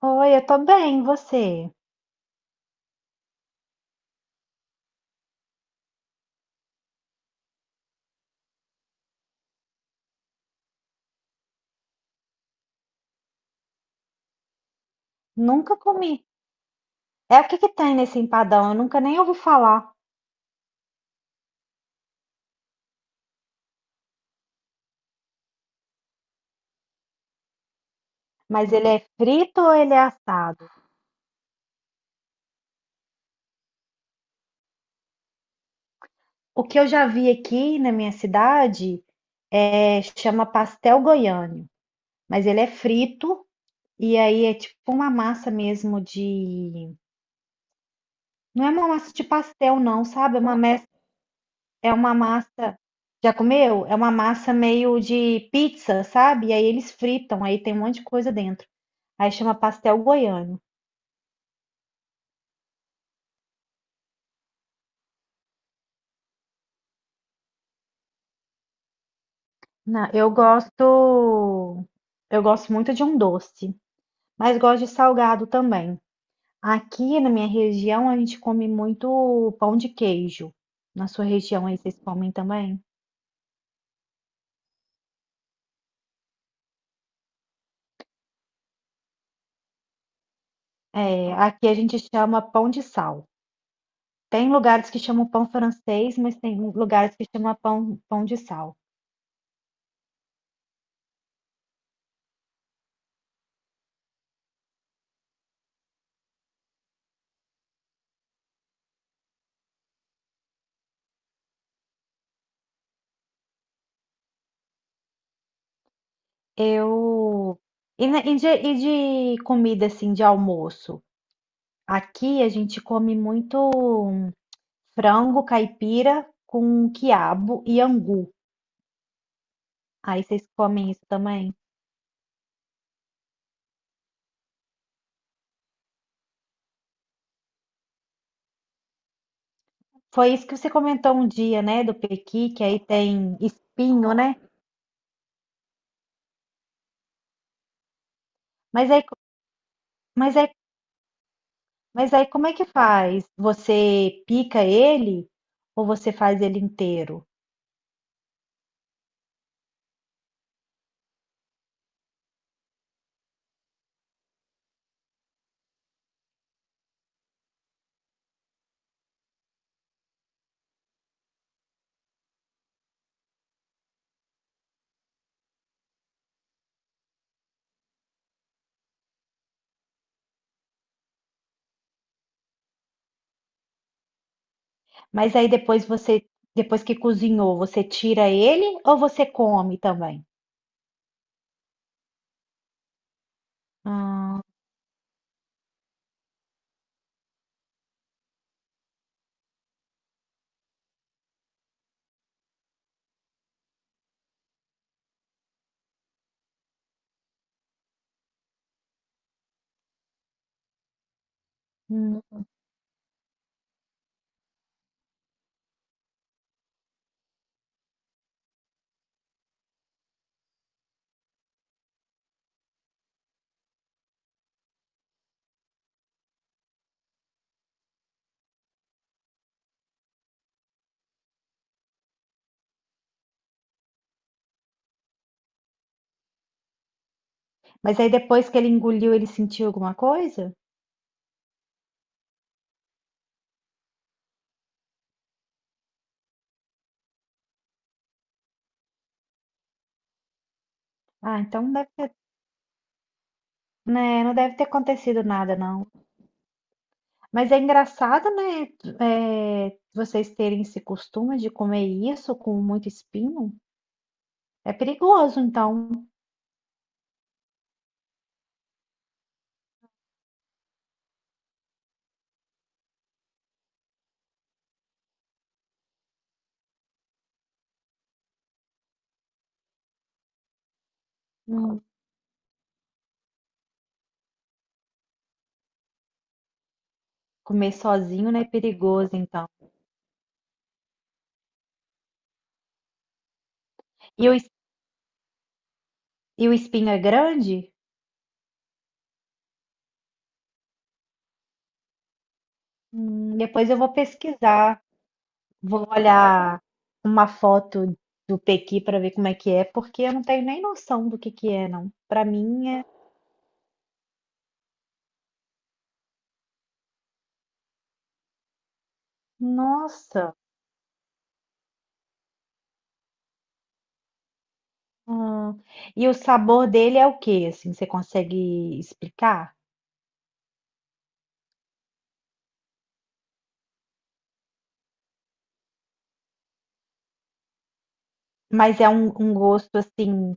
Oi, eu tô bem, e você? Nunca comi. É o que que tem nesse empadão? Eu nunca nem ouvi falar. Mas ele é frito ou ele é assado? O que eu já vi aqui na minha cidade é, chama pastel goiano, mas ele é frito e aí é tipo uma massa mesmo de. Não é uma massa de pastel, não, sabe? É uma, é uma massa. Já comeu? É uma massa meio de pizza, sabe? E aí eles fritam, aí tem um monte de coisa dentro. Aí chama pastel goiano. Eu gosto, eu gosto muito de um doce, mas gosto de salgado também. Aqui na minha região a gente come muito pão de queijo. Na sua região aí vocês comem também? É, aqui a gente chama pão de sal. Tem lugares que chamam pão francês, mas tem lugares que chamam pão de sal. Eu e de comida assim de almoço. Aqui a gente come muito frango caipira com quiabo e angu. Aí vocês comem isso também? Foi isso que você comentou um dia, né, do pequi, que aí tem espinho, né? Mas aí, mas aí, mas aí como é que faz? Você pica ele ou você faz ele inteiro? Mas aí depois você, depois que cozinhou, você tira ele ou você come também? Ah, hum. Mas aí depois que ele engoliu, ele sentiu alguma coisa? Ah, então não deve ter, né, não deve ter acontecido nada, não. Mas é engraçado, né? É, vocês terem esse costume de comer isso com muito espinho. É perigoso, então. Hum. Comer sozinho, né? É perigoso, então. E o, es- e o espinho é grande? Depois eu vou pesquisar. Vou olhar uma foto do Pequi para ver como é que é, porque eu não tenho nem noção do que é, não. Para mim é. Nossa! Hum. E o sabor dele é o que? Assim, você consegue explicar? Mas é um, um gosto assim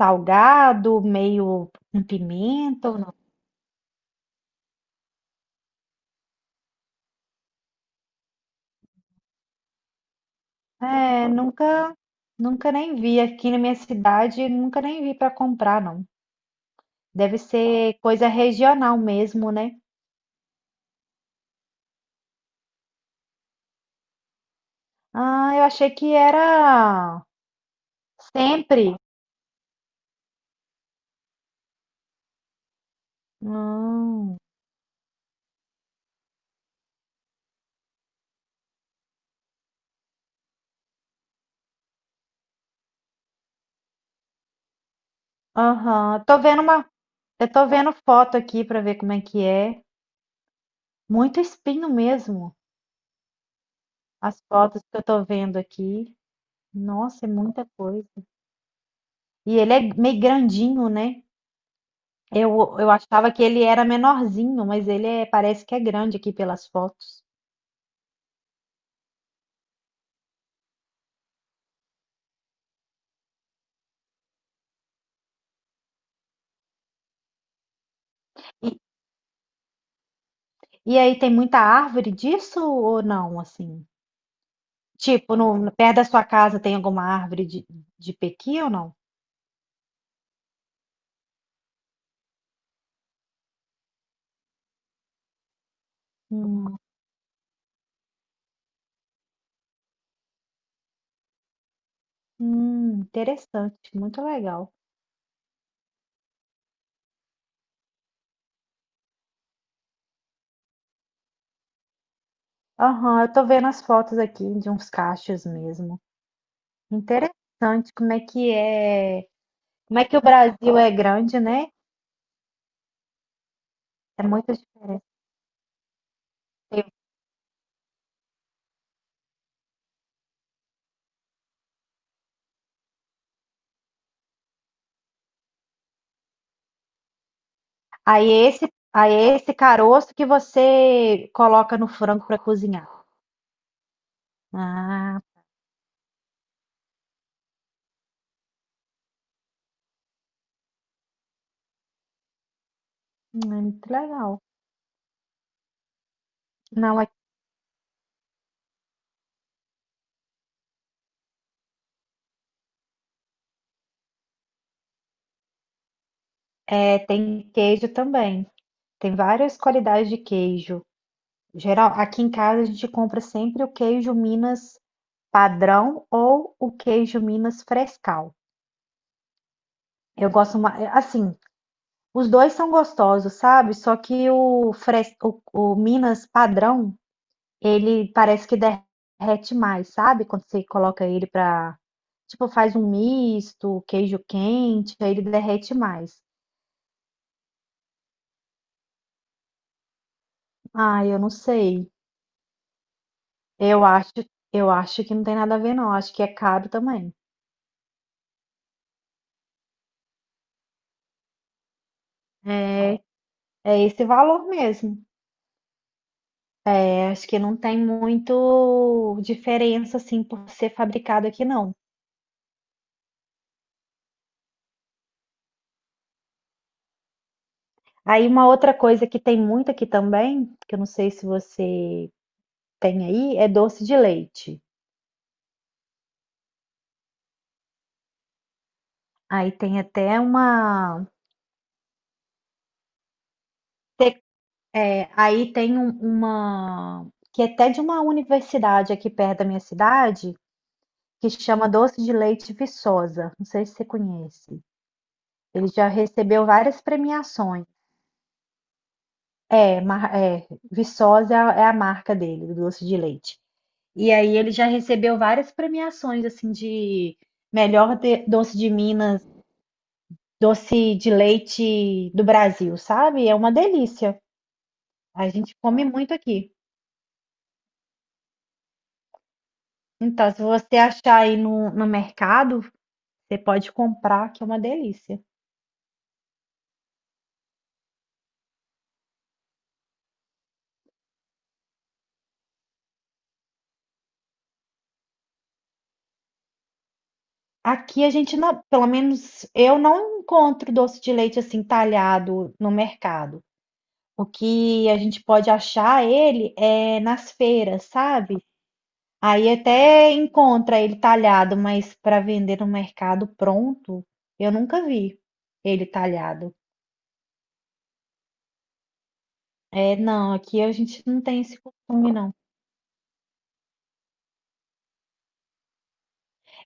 salgado, meio com pimenta ou não? É, nunca, nunca nem vi aqui na minha cidade, nunca nem vi para comprar, não. Deve ser coisa regional mesmo, né? Ah, eu achei que era sempre. Hum. Aham, tô vendo uma, eu tô vendo foto aqui para ver como é que é. Muito espinho mesmo. As fotos que eu tô vendo aqui. Nossa, é muita coisa. E ele é meio grandinho, né? Eu achava que ele era menorzinho, mas parece que é grande aqui pelas fotos. E, e aí tem muita árvore disso ou não, assim? Tipo, perto da sua casa tem alguma árvore de pequi ou não? Hum, interessante, muito legal. Aham, eu tô vendo as fotos aqui de uns cachos mesmo. Interessante como é que é, como é que o Brasil é grande, né? É muito diferente. Aí é esse caroço que você coloca no frango para cozinhar. Ah, é muito legal. Não, tem queijo também. Tem várias qualidades de queijo. Geral, aqui em casa a gente compra sempre o queijo Minas padrão ou o queijo Minas frescal. Eu gosto mais, assim, os dois são gostosos, sabe? Só que o Minas padrão, ele parece que derrete mais, sabe? Quando você coloca ele pra. Tipo, faz um misto, queijo quente, aí ele derrete mais. Ah, eu não sei. Eu acho, eu acho que não tem nada a ver, não. Acho que é caro também. É, é esse valor mesmo. É, acho que não tem muito diferença, assim, por ser fabricado aqui, não. Aí uma outra coisa que tem muito aqui também, que eu não sei se você tem aí, é doce de leite. Aí tem até uma. É, aí tem uma que é até de uma universidade aqui perto da minha cidade, que chama Doce de Leite Viçosa. Não sei se você conhece. Ele já recebeu várias premiações. É, mar- é, Viçosa é a marca dele, do doce de leite. E aí ele já recebeu várias premiações assim de melhor doce de Minas, doce de leite do Brasil, sabe? É uma delícia. A gente come muito aqui. Então, se você achar aí no mercado, você pode comprar, que é uma delícia. Aqui a gente não, pelo menos eu não encontro doce de leite assim talhado no mercado. O que a gente pode achar ele é nas feiras, sabe? Aí até encontra ele talhado, mas para vender no mercado pronto, eu nunca vi ele talhado. É, não, aqui a gente não tem esse costume, não.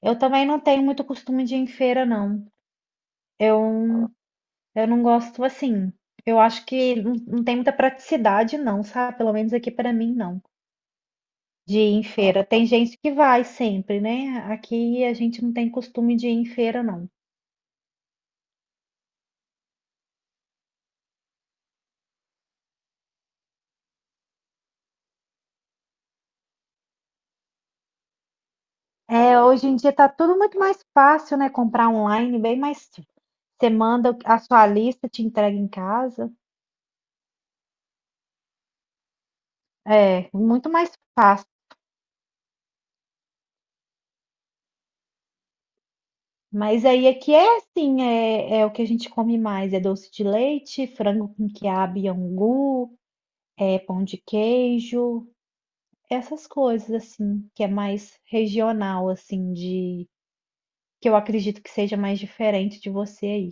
Eu também não tenho muito costume de ir em feira, não. Eu Eu não gosto assim. Eu acho que não tem muita praticidade, não, sabe? Pelo menos aqui pra mim, não. De ir em feira. Tem gente que vai sempre, né? Aqui a gente não tem costume de ir em feira, não. É, hoje em dia tá tudo muito mais fácil, né? Comprar online, bem mais. Você manda a sua lista, te entrega em casa. É, muito mais fácil. Mas aí aqui é assim, é o que a gente come mais, é doce de leite, frango com quiabo e angu, é pão de queijo. Essas coisas, assim, que é mais regional, assim, de... Que eu acredito que seja mais diferente de você aí.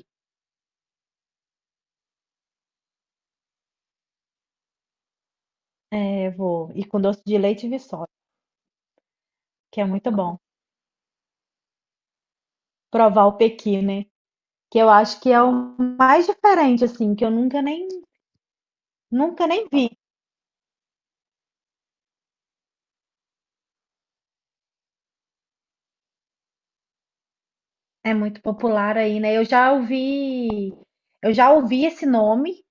É, vou. E com doce de leite e viçosa, que é muito bom. Provar o pequi, né? Que eu acho que é o mais diferente, assim, que eu nunca nem, nunca nem vi. É muito popular aí, né? Eu já ouvi esse nome,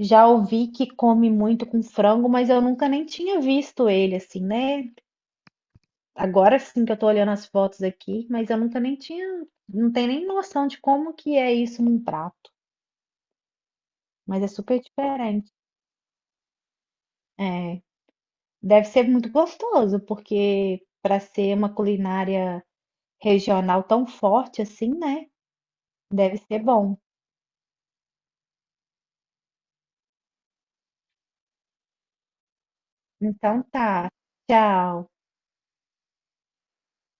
já ouvi que come muito com frango, mas eu nunca nem tinha visto ele, assim, né? Agora sim que eu tô olhando as fotos aqui, mas eu nunca nem tinha, não tenho nem noção de como que é isso num prato, mas é super diferente. É, deve ser muito gostoso, porque para ser uma culinária regional tão forte assim, né? Deve ser bom. Então tá. Tchau.